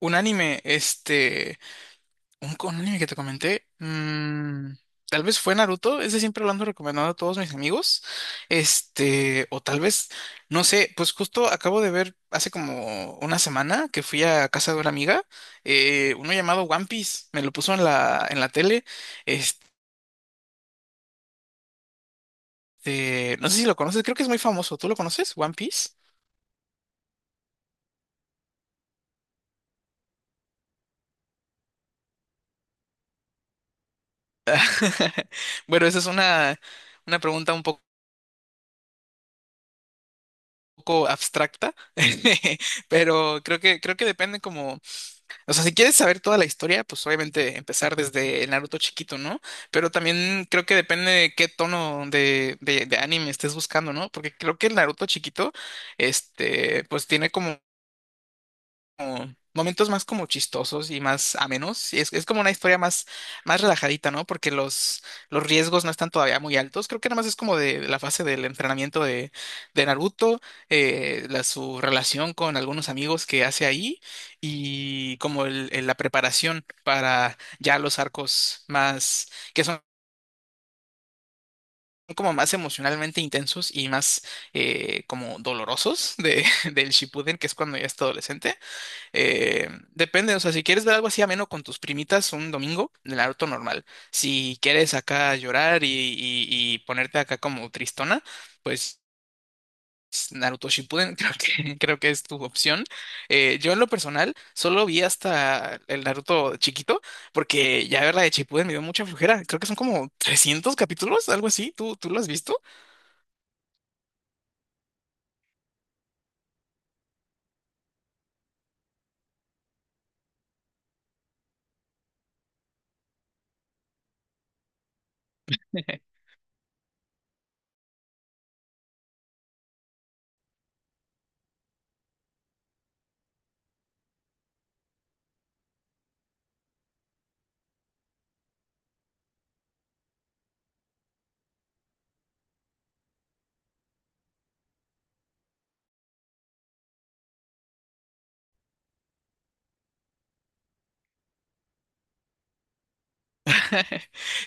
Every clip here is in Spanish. Un anime, un anime que te comenté, tal vez fue Naruto, ese siempre lo ando recomendando a todos mis amigos, o tal vez, no sé, pues justo acabo de ver hace como una semana que fui a casa de una amiga, uno llamado One Piece, me lo puso en la tele, este, no sé si lo conoces, creo que es muy famoso, ¿tú lo conoces, One Piece? Bueno, esa es una pregunta un poco abstracta, pero creo que depende como, o sea, si quieres saber toda la historia, pues obviamente empezar desde el Naruto chiquito, ¿no? Pero también creo que depende de qué tono de anime estés buscando, ¿no? Porque creo que el Naruto chiquito, pues tiene como momentos más como chistosos y más amenos. Y es como una historia más, más relajadita, ¿no? Porque los riesgos no están todavía muy altos. Creo que nada más es como de la fase del entrenamiento de Naruto, la, su relación con algunos amigos que hace ahí y como la preparación para ya los arcos más, que son como más emocionalmente intensos y más como dolorosos de, del Shippuden, que es cuando ya es adolescente. Eh, depende, o sea, si quieres ver algo así ameno con tus primitas un domingo, Naruto normal. Si quieres acá llorar y ponerte acá como tristona, pues Naruto Shippuden creo que es tu opción. Yo en lo personal solo vi hasta el Naruto chiquito, porque ya ver la de Shippuden me dio mucha flojera. Creo que son como 300 capítulos, algo así. ¿Tú lo has visto?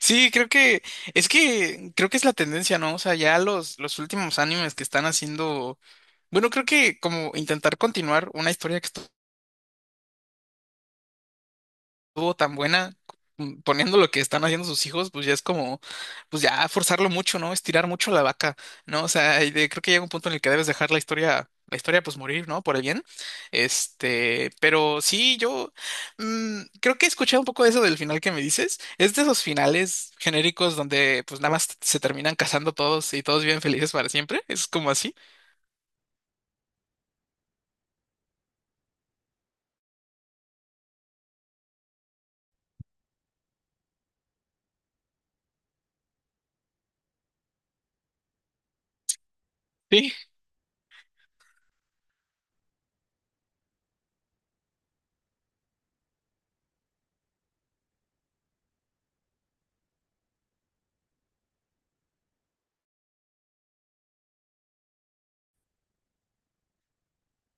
Sí, creo que es que creo que es la tendencia, ¿no? O sea, ya los últimos animes que están haciendo. Bueno, creo que como intentar continuar una historia que estuvo tan buena, poniendo lo que están haciendo sus hijos, pues ya es como, pues ya forzarlo mucho, ¿no? Estirar mucho la vaca, ¿no? O sea, creo que llega un punto en el que debes dejar la historia pues morir, ¿no? Por el bien. Este, pero sí, creo que he escuchado un poco de eso del final que me dices. Es de esos finales genéricos donde pues nada más se terminan casando todos y todos viven felices para siempre. Es como así. Sí.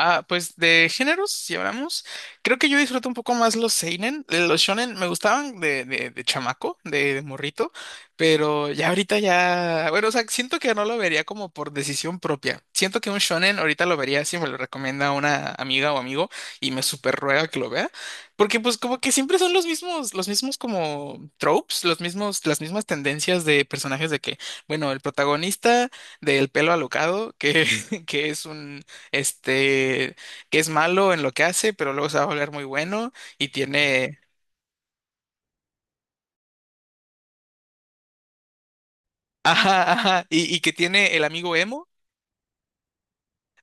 Ah, pues de géneros, si hablamos, creo que yo disfruto un poco más los seinen, los shonen me gustaban de chamaco, de morrito, pero ya ahorita ya, bueno, o sea, siento que no lo vería como por decisión propia. Siento que un shonen ahorita lo vería si me lo recomienda una amiga o amigo y me super ruega que lo vea, porque pues como que siempre son los mismos como tropes, los mismos, las mismas tendencias de personajes de que, bueno, el protagonista del pelo alocado, que, que es un este, que es malo en lo que hace, pero luego se va a volver muy bueno y tiene, ajá, ajá, y que tiene el amigo emo.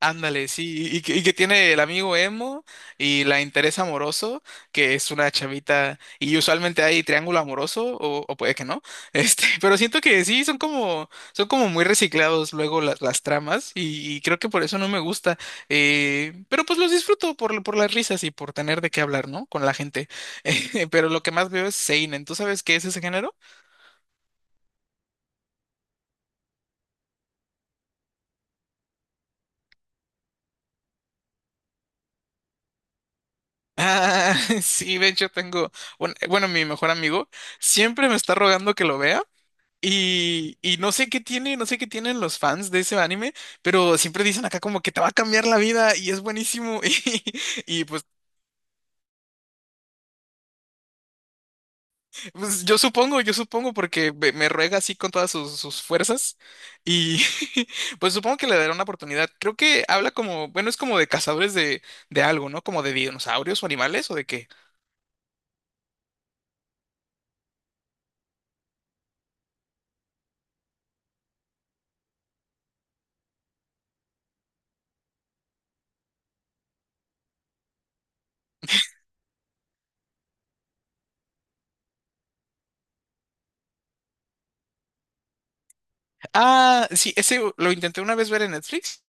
Ándale, sí, y que tiene el amigo emo y la interés amoroso, que es una chavita, y usualmente hay triángulo amoroso, o puede que no, pero siento que sí, son como muy reciclados luego las tramas, y creo que por eso no me gusta, pero pues los disfruto por las risas y por tener de qué hablar, ¿no? Con la gente, pero lo que más veo es Seinen, ¿tú sabes qué es ese género? Ah, sí, de hecho tengo, un- bueno, mi mejor amigo siempre me está rogando que lo vea. Y no sé qué tiene, no sé qué tienen los fans de ese anime, pero siempre dicen acá como que te va a cambiar la vida y es buenísimo. Y, y pues, pues yo supongo porque me ruega así con todas sus fuerzas. Y pues supongo que le daré una oportunidad. Creo que habla como, bueno, es como de cazadores de algo, ¿no? Como de dinosaurios o animales o de qué. Ah, sí, ese lo intenté una vez ver en Netflix.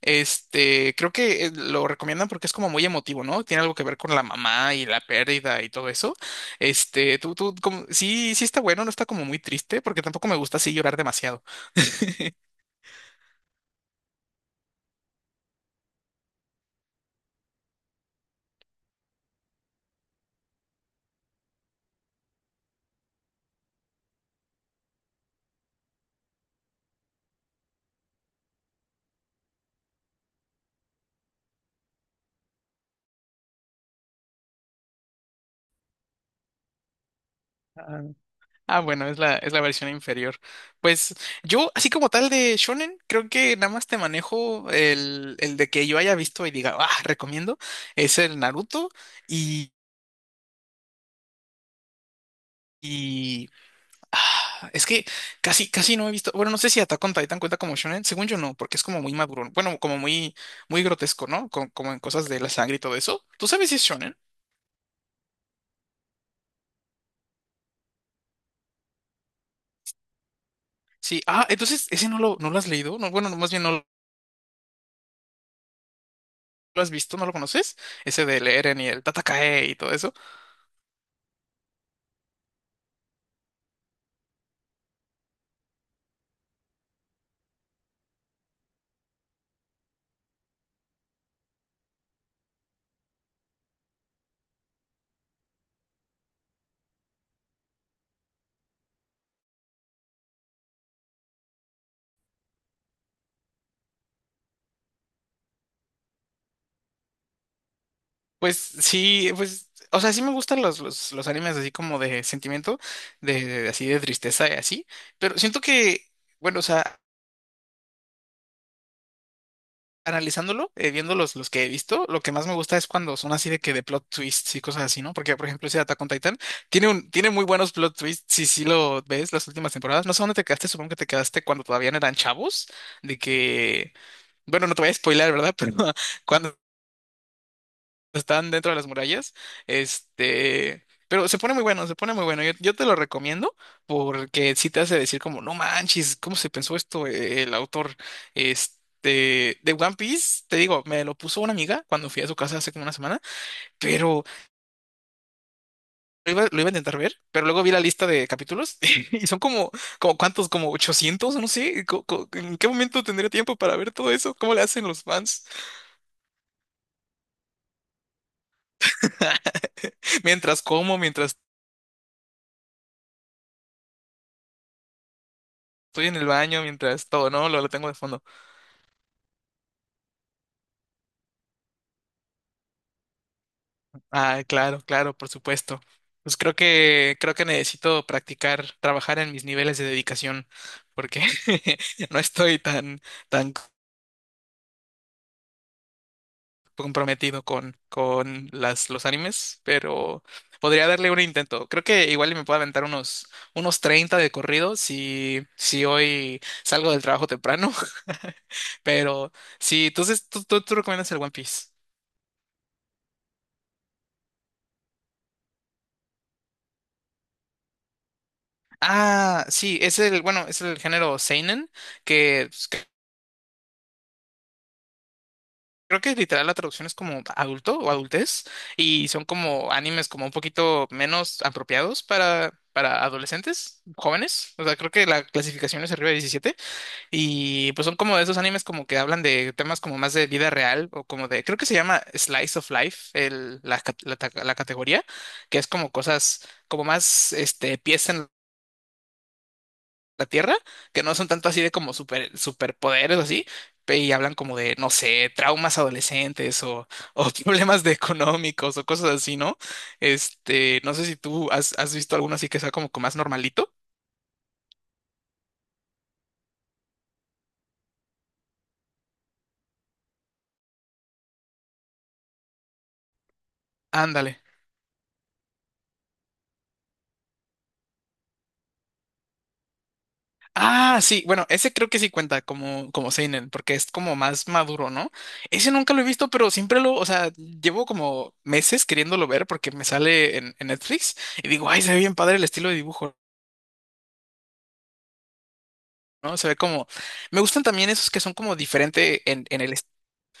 Este, creo que lo recomiendan porque es como muy emotivo, ¿no? Tiene algo que ver con la mamá y la pérdida y todo eso. Este, como, sí, sí está bueno, no está como muy triste, porque tampoco me gusta así llorar demasiado. Ah, ah, bueno, es la versión inferior. Pues yo, así como tal de Shonen, creo que nada más te manejo el de que yo haya visto y diga, ah, recomiendo, es el Naruto y, Ah, Es que casi, casi no he visto. Bueno, no sé si Attack on Titan cuenta como shonen. Según yo no, porque es como muy maduro. Bueno, como muy, muy grotesco, ¿no? Como en cosas de la sangre y todo eso. ¿Tú sabes si es shonen? Sí. Ah, entonces ese no no lo has leído. No, bueno, más bien no lo has visto, no lo conoces. Ese del Eren y el Tatakae y todo eso. Pues sí, pues. O sea, sí me gustan los animes así como de sentimiento, así de tristeza y así. Pero siento que, bueno, o sea, analizándolo, viendo los que he visto, lo que más me gusta es cuando son así de que de plot twists y cosas así, ¿no? Porque, por ejemplo, ese de Attack on Titan tiene muy buenos plot twists, si sí lo ves las últimas temporadas. No sé dónde te quedaste, supongo que te quedaste cuando todavía no eran chavos, de que, bueno, no te voy a spoiler, ¿verdad? Pero cuando están dentro de las murallas. Este, pero se pone muy bueno, se pone muy bueno. Yo te lo recomiendo porque sí te hace decir como, no manches, ¿cómo se pensó esto el autor? Este, de One Piece, te digo, me lo puso una amiga cuando fui a su casa hace como una semana, pero lo iba a intentar ver, pero luego vi la lista de capítulos y son como, como ¿cuántos? Como 800 no sé, ¿en qué momento tendría tiempo para ver todo eso? ¿Cómo le hacen los fans? Mientras como, mientras estoy en el baño, mientras todo, ¿no? Lo tengo de fondo. Ah, claro, claro, por supuesto. Pues creo que necesito practicar, trabajar en mis niveles de dedicación, porque no estoy tan tan comprometido con las los animes, pero podría darle un intento. Creo que igual y me puedo aventar unos 30 de corrido si si hoy salgo del trabajo temprano. Pero sí, entonces tú recomiendas el One Piece. Ah, sí, es el, bueno, es el género seinen, que pues, creo que literal la traducción es como adulto o adultez y son como animes como un poquito menos apropiados para adolescentes, jóvenes. O sea, creo que la clasificación es arriba de 17 y pues son como de esos animes como que hablan de temas como más de vida real o como de, creo que se llama Slice of Life, el, la, ca- la ta- la categoría, que es como cosas como más pies en la Tierra, que no son tanto así de como super, superpoderes o así, y hablan como de, no sé, traumas adolescentes o problemas de económicos o cosas así, ¿no? Este, no sé si tú has visto alguno así que sea como que más normalito. Ándale. Ah, sí, bueno, ese creo que sí cuenta como, como seinen, porque es como más maduro, ¿no? Ese nunca lo he visto, pero siempre lo, o sea, llevo como meses queriéndolo ver porque me sale en Netflix y digo, ay, se ve bien padre el estilo de dibujo, ¿no? Se ve como, me gustan también esos que son como diferente en el, est-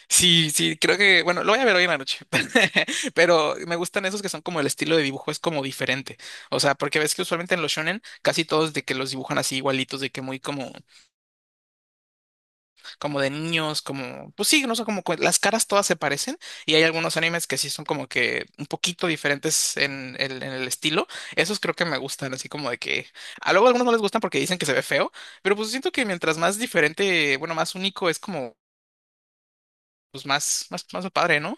sí, sí, creo que, bueno, lo voy a ver hoy en la noche, pero me gustan esos que son como el estilo de dibujo es como diferente, o sea, porque ves que usualmente en los shonen casi todos de que los dibujan así igualitos, de que muy como como de niños, como, pues sí, no sé, como que las caras todas se parecen y hay algunos animes que sí son como que un poquito diferentes en el estilo. Esos creo que me gustan, así como de que a luego a algunos no les gustan porque dicen que se ve feo, pero pues siento que mientras más diferente, bueno, más único es como, pues más, más, más padre, ¿no?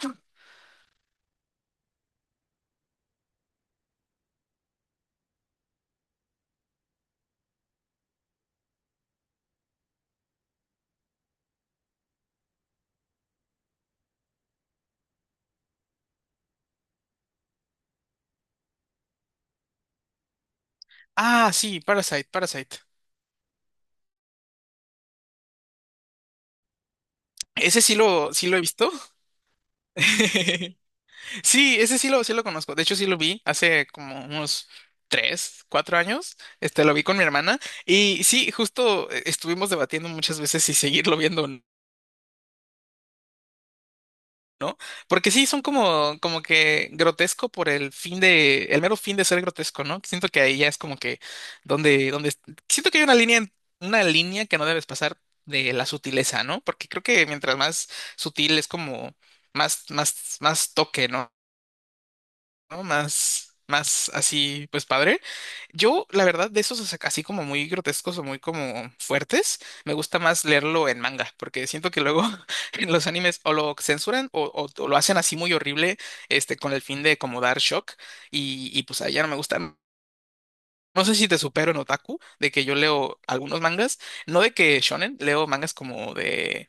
Ah, sí, Parasite, Parasite. Ese sí lo he visto. Sí, ese sí lo conozco. De hecho, sí lo vi hace como unos tres, cuatro años. Este, lo vi con mi hermana. Y sí, justo estuvimos debatiendo muchas veces si seguirlo viendo o no. Porque sí, son como, como que grotesco por el fin de, el mero fin de ser grotesco, ¿no? Siento que ahí ya es como que donde, donde, siento que hay una línea, una línea que no debes pasar de la sutileza, ¿no? Porque creo que mientras más sutil es como más toque, ¿no? Más así, pues padre. Yo, la verdad, de esos o sea, así como muy grotescos o muy como fuertes, me gusta más leerlo en manga, porque siento que luego en los animes o lo censuran o lo hacen así muy horrible, este, con el fin de como dar shock, y pues ahí ya no me gusta. No sé si te supero en otaku, de que yo leo algunos mangas, no de que shonen, leo mangas como de,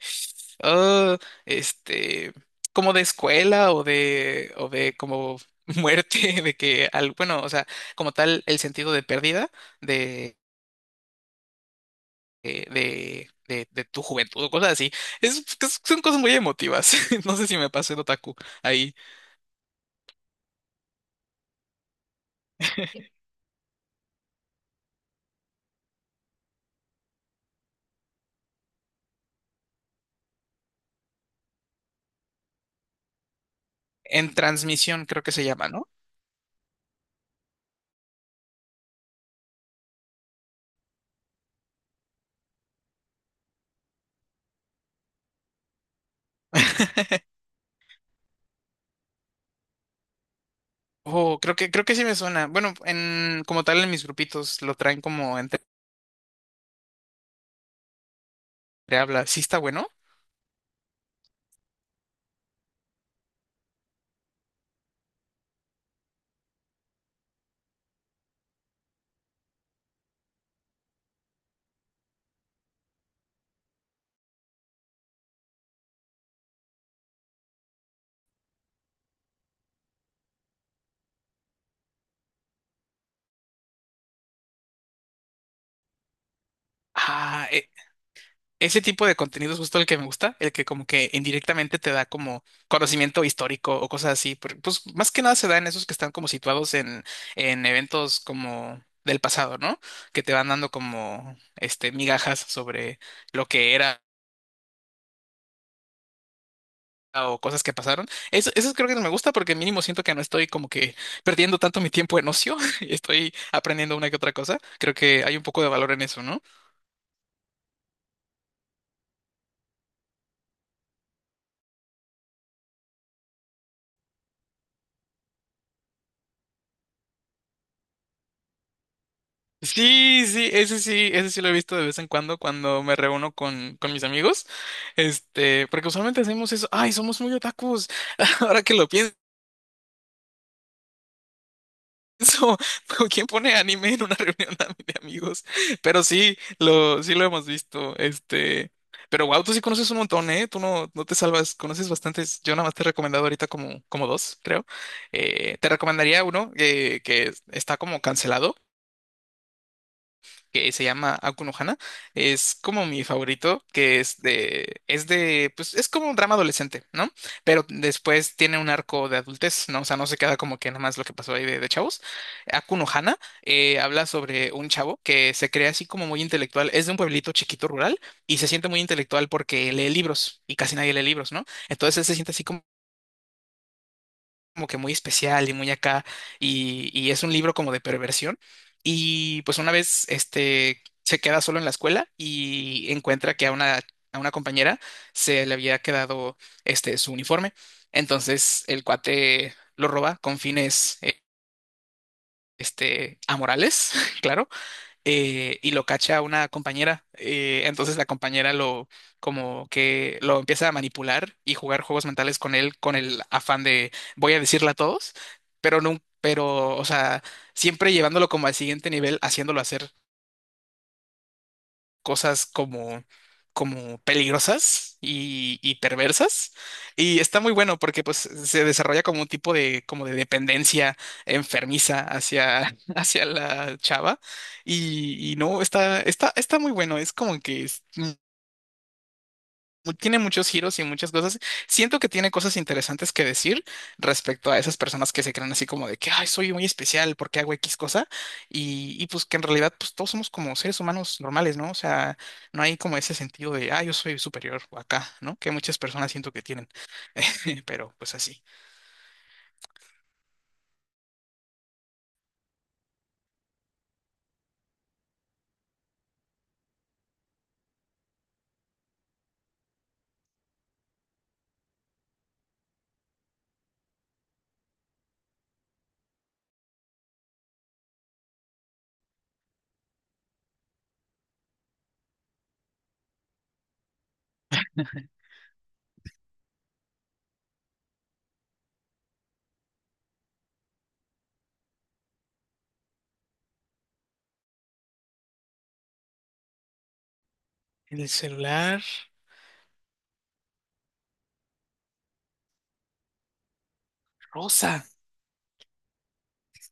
ah, este, como de escuela o de como muerte, de que, al, bueno, o sea, como tal, el sentido de pérdida de, de tu juventud o cosas así. Son cosas muy emotivas. No sé si me pasé, en otaku ahí. En transmisión creo que se llama, ¿no? Oh, creo que sí me suena. Bueno, en, como tal en mis grupitos lo traen como entre habla. ¿Sí está bueno? Ah, ese tipo de contenido es justo el que me gusta, el que como que indirectamente te da como conocimiento histórico o cosas así. Pues más que nada se da en esos que están como situados en eventos como del pasado, ¿no? Que te van dando como este migajas sobre lo que era o cosas que pasaron. Eso creo que no me gusta porque mínimo siento que no estoy como que perdiendo tanto mi tiempo en ocio y estoy aprendiendo una que otra cosa. Creo que hay un poco de valor en eso, ¿no? Sí, sí, ese sí lo he visto de vez en cuando cuando me reúno con mis amigos. Este, porque usualmente hacemos eso. Ay, somos muy otakus. Ahora que lo pienso. Eso, pero ¿quién pone anime en una reunión de amigos? Pero sí lo hemos visto. Este, pero wow, tú sí conoces un montón, ¿eh? Tú no te salvas, conoces bastantes. Yo nada más te he recomendado ahorita como, como dos, creo. Te recomendaría uno que está como cancelado, que se llama Akunohana, es como mi favorito, que es de, pues es como un drama adolescente, ¿no? Pero después tiene un arco de adultez, ¿no? O sea, no se queda como que nada más lo que pasó ahí de chavos. Akunohana habla sobre un chavo que se cree así como muy intelectual, es de un pueblito chiquito rural y se siente muy intelectual porque lee libros y casi nadie lee libros, ¿no? Entonces él se siente así como como que muy especial y muy acá, y es un libro como de perversión. Y pues una vez este se queda solo en la escuela y encuentra que a una compañera se le había quedado este su uniforme. Entonces el cuate lo roba con fines este amorales, claro, y lo cacha una compañera. Entonces la compañera lo como que lo empieza a manipular y jugar juegos mentales con él con el afán de voy a decirle a todos, pero no, pero, o sea, siempre llevándolo como al siguiente nivel, haciéndolo hacer cosas como, como peligrosas y perversas. Y está muy bueno porque pues se desarrolla como un tipo de, como de dependencia enfermiza hacia, hacia la chava. Y no, está muy bueno. Es como que es tiene muchos giros y muchas cosas. Siento que tiene cosas interesantes que decir respecto a esas personas que se creen así como de que, ay, soy muy especial porque hago X cosa. Y pues que en realidad pues todos somos como seres humanos normales, ¿no? O sea, no hay como ese sentido de, ah, yo soy superior o acá, ¿no? Que muchas personas siento que tienen. Pero pues así. El celular rosa.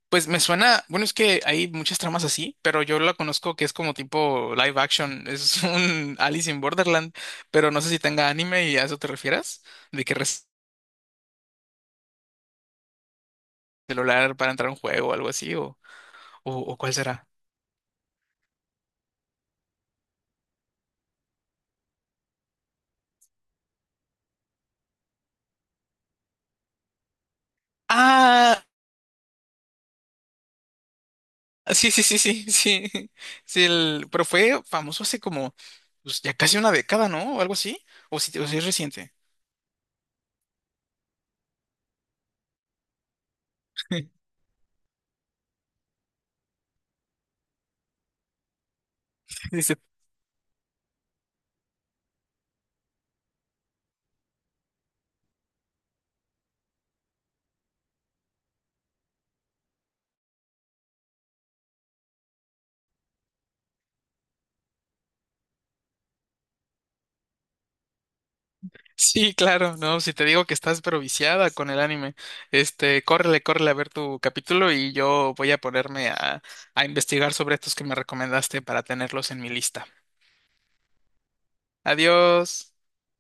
Pues me suena, bueno, es que hay muchas tramas así, pero yo la conozco que es como tipo live action, es un Alice in Borderland, pero no sé si tenga anime y a eso te refieras, de que celular para entrar a un juego o algo así, o cuál será. Ah, sí, sí, sí, sí, sí, sí, el, pero fue famoso hace como, pues ya casi una década, ¿no? O algo así, o si es reciente. Sí, sí, claro, no, si te digo que estás pero viciada con el anime, este, córrele, córrele a ver tu capítulo y yo voy a ponerme a investigar sobre estos que me recomendaste para tenerlos en mi lista. Adiós.